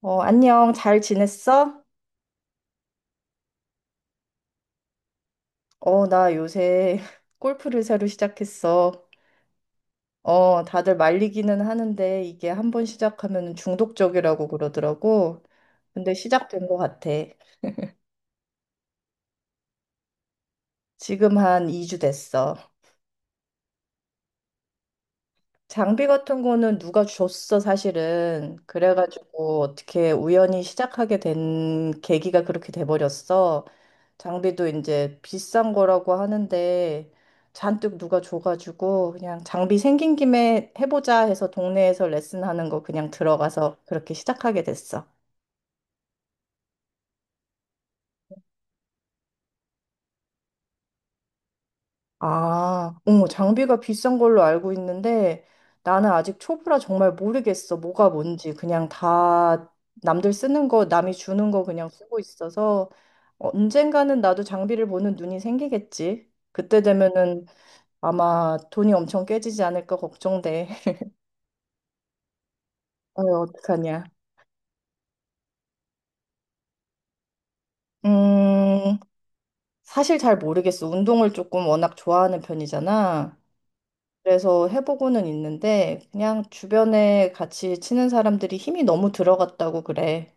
안녕. 잘 지냈어? 나 요새 골프를 새로 시작했어. 다들 말리기는 하는데 이게 한번 시작하면 중독적이라고 그러더라고. 근데 시작된 것 같아. 지금 한 2주 됐어. 장비 같은 거는 누가 줬어, 사실은. 그래가지고 어떻게 우연히 시작하게 된 계기가 그렇게 돼버렸어. 장비도 이제 비싼 거라고 하는데 잔뜩 누가 줘가지고 그냥 장비 생긴 김에 해보자 해서 동네에서 레슨하는 거 그냥 들어가서 그렇게 시작하게 됐어. 아, 어, 장비가 비싼 걸로 알고 있는데 나는 아직 초보라 정말 모르겠어. 뭐가 뭔지. 그냥 다 남들 쓰는 거, 남이 주는 거 그냥 쓰고 있어서 언젠가는 나도 장비를 보는 눈이 생기겠지. 그때 되면은 아마 돈이 엄청 깨지지 않을까 걱정돼. 어, 어떡하냐. 음, 사실 잘 모르겠어. 운동을 조금 워낙 좋아하는 편이잖아. 그래서 해보고는 있는데 그냥 주변에 같이 치는 사람들이 힘이 너무 들어갔다고 그래.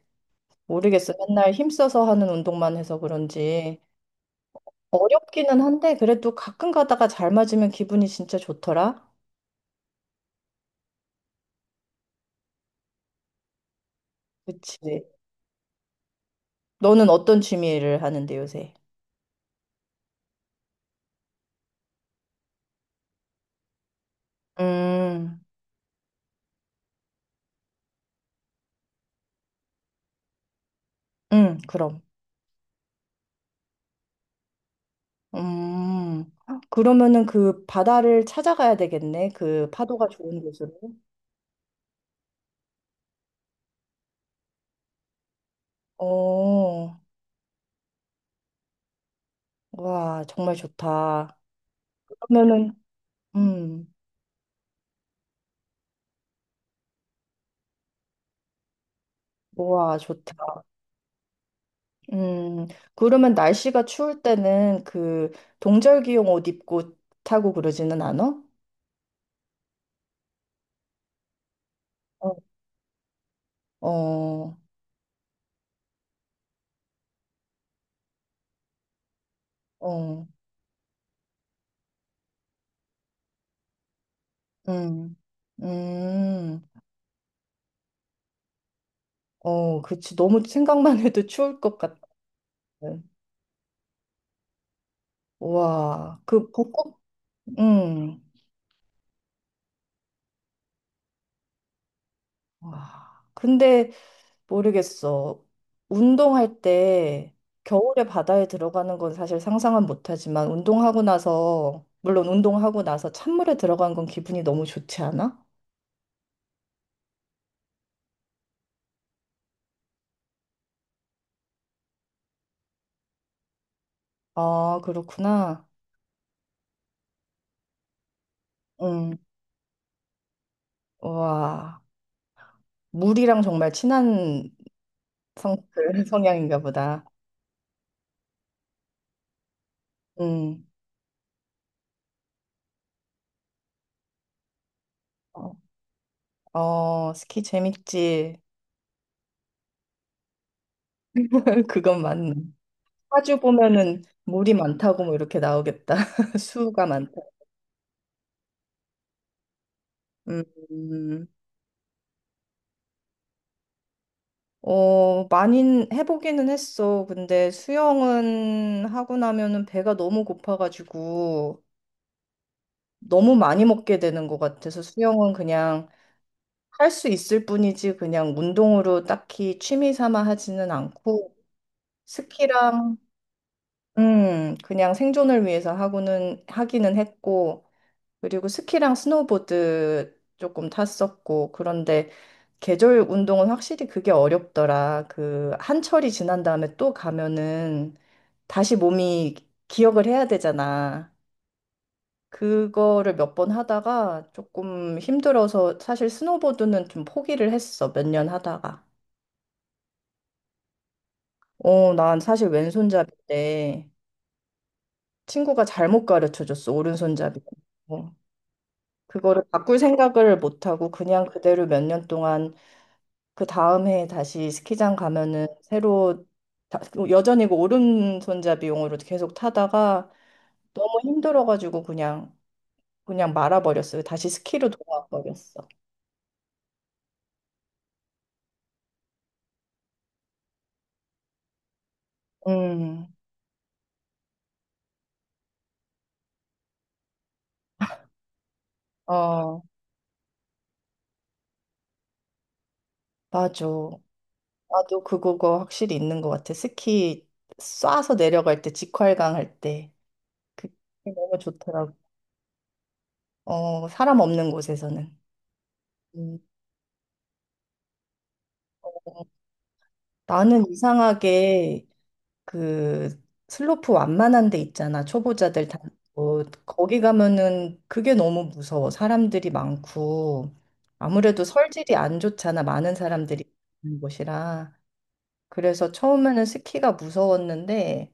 모르겠어. 맨날 힘써서 하는 운동만 해서 그런지 어렵기는 한데 그래도 가끔 가다가 잘 맞으면 기분이 진짜 좋더라. 그치. 너는 어떤 취미를 하는데 요새? 음, 그럼. 음, 그러면은 그 바다를 찾아가야 되겠네. 그 파도가 좋은 곳으로. 어, 와, 정말 좋다. 그러면은, 음. 우와, 좋다. 음, 그러면 날씨가 추울 때는 그 동절기용 옷 입고 타고 그러지는 않아? 어, 어, 어, 음, 음, 어, 그치. 너무 생각만 해도 추울 것 같아. 우와, 그 벚꽃, 음, 와. 근데 모르겠어. 운동할 때 겨울에 바다에 들어가는 건 사실 상상은 못하지만 운동하고 나서 물론 운동하고 나서 찬물에 들어간 건 기분이 너무 좋지 않아? 아, 그렇구나. 응. 와, 물이랑 정말 친한 성, 그 성향인가 보다. 응. 어, 어, 스키 재밌지. 그건 맞네. 파주 보면은 물이 많다고 뭐 이렇게 나오겠다. 수가 많다. 음. 어, 많이 해보기는 했어. 근데 수영은 하고 나면은 배가 너무 고파가지고 너무 많이 먹게 되는 것 같아서 수영은 그냥 할 수 있을 뿐이지 그냥 운동으로 딱히 취미 삼아 하지는 않고 스키랑, 그냥 생존을 위해서 하고는 하기는 했고 그리고 스키랑 스노보드 조금 탔었고 그런데 계절 운동은 확실히 그게 어렵더라. 그 한철이 지난 다음에 또 가면은 다시 몸이 기억을 해야 되잖아. 그거를 몇 번 하다가 조금 힘들어서 사실 스노보드는 좀 포기를 했어. 몇 년 하다가. 어, 난 사실 왼손잡이인데 친구가 잘못 가르쳐 줬어. 오른손잡이. 어, 그거를 바꿀 생각을 못 하고 그냥 그대로 몇 년 동안 그 다음 해에 다시 스키장 가면은 새로 다- 여전히 그 오른손잡이용으로 계속 타다가 너무 힘들어가지고 그냥 말아버렸어요. 다시 스키로 돌아버렸어. 음, 어, 맞아. 나도 그거 확실히 있는 것 같아. 스키 쏴서 내려갈 때 직활강 할 때. 그게 너무 좋더라고. 어, 사람 없는 곳에서는. 음. 나는 이상하게 그 슬로프 완만한 데 있잖아. 초보자들 다. 어, 거기 가면은 그게 너무 무서워. 사람들이 많고 아무래도 설질이 안 좋잖아. 많은 사람들이 있는 곳이라. 그래서 처음에는 스키가 무서웠는데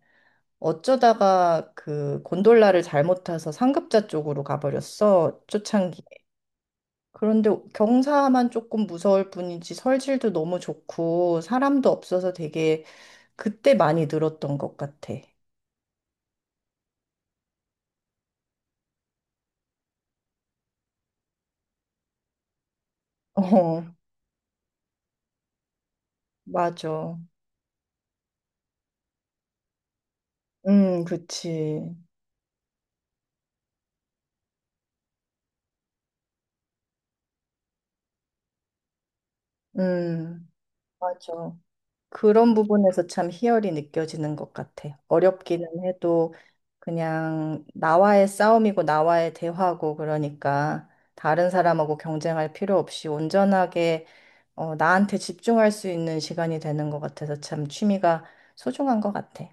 어쩌다가 그 곤돌라를 잘못 타서 상급자 쪽으로 가버렸어. 초창기에. 그런데 경사만 조금 무서울 뿐이지 설질도 너무 좋고 사람도 없어서 되게 그때 많이 늘었던 것 같아. 어. 맞아. 그치. 음, 맞아. 그런 부분에서 참 희열이 느껴지는 것 같아. 어렵기는 해도 그냥 나와의 싸움이고 나와의 대화고 그러니까 다른 사람하고 경쟁할 필요 없이 온전하게 어, 나한테 집중할 수 있는 시간이 되는 것 같아서 참 취미가 소중한 것 같아.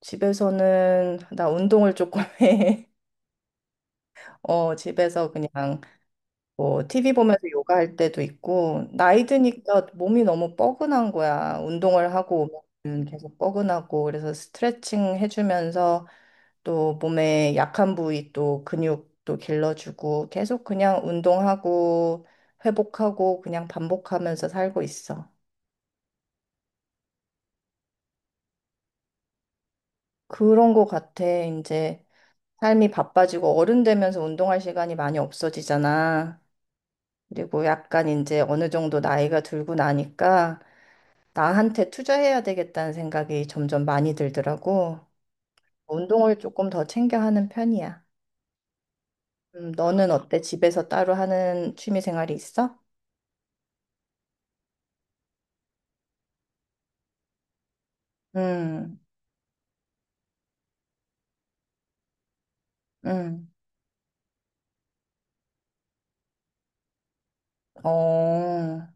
집에서는 나 운동을 조금 해. 어, 집에서 그냥 뭐 TV 보면서 요가할 때도 있고 나이 드니까 몸이 너무 뻐근한 거야. 운동을 하고 오면 계속 뻐근하고 그래서 스트레칭 해주면서 또 몸에 약한 부위 또 근육도 길러주고 계속 그냥 운동하고 회복하고 그냥 반복하면서 살고 있어. 그런 거 같아. 이제 삶이 바빠지고 어른 되면서 운동할 시간이 많이 없어지잖아. 그리고 약간 이제 어느 정도 나이가 들고 나니까 나한테 투자해야 되겠다는 생각이 점점 많이 들더라고. 운동을 조금 더 챙겨 하는 편이야. 너는 어때? 집에서 따로 하는 취미 생활이 있어? 음, 음, 어,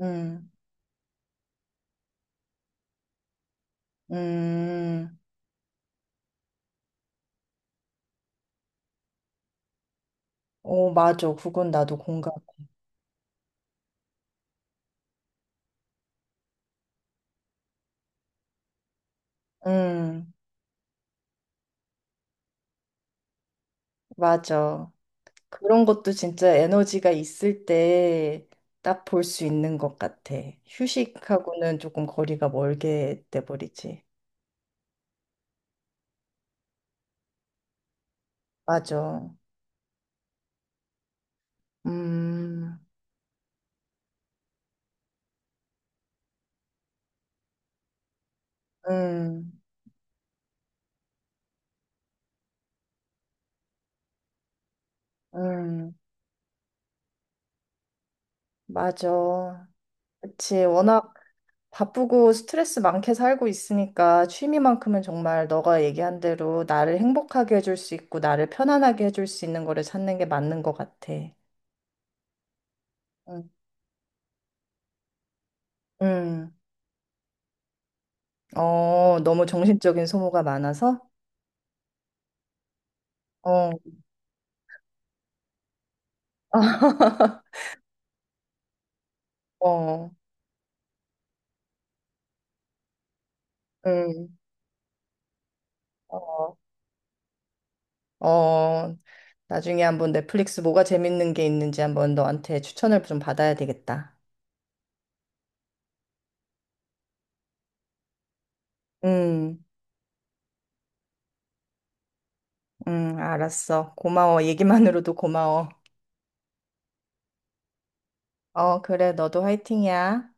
음, 음, 오, 맞아. 그건 나도 공감. 음, 맞아. 그런 것도 진짜 에너지가 있을 때 딱 볼 수 있는 것 같아. 휴식하고는 조금 거리가 멀게 돼버리지. 맞아. 음. 음, 음, 맞아. 그치. 워낙 바쁘고 스트레스 많게 살고 있으니까 취미만큼은 정말 너가 얘기한 대로 나를 행복하게 해줄 수 있고 나를 편안하게 해줄 수 있는 거를 찾는 게 맞는 것 같아. 음, 음. 어, 너무 정신적인 소모가 많아서? 어, 어, 음, 어, 어. 나중에 한번 넷플릭스 뭐가 재밌는 게 있는지 한번 너한테 추천을 좀 받아야 되겠다. 음. 응, 알았어. 고마워. 얘기만으로도 고마워. 어, 그래, 너도 화이팅이야.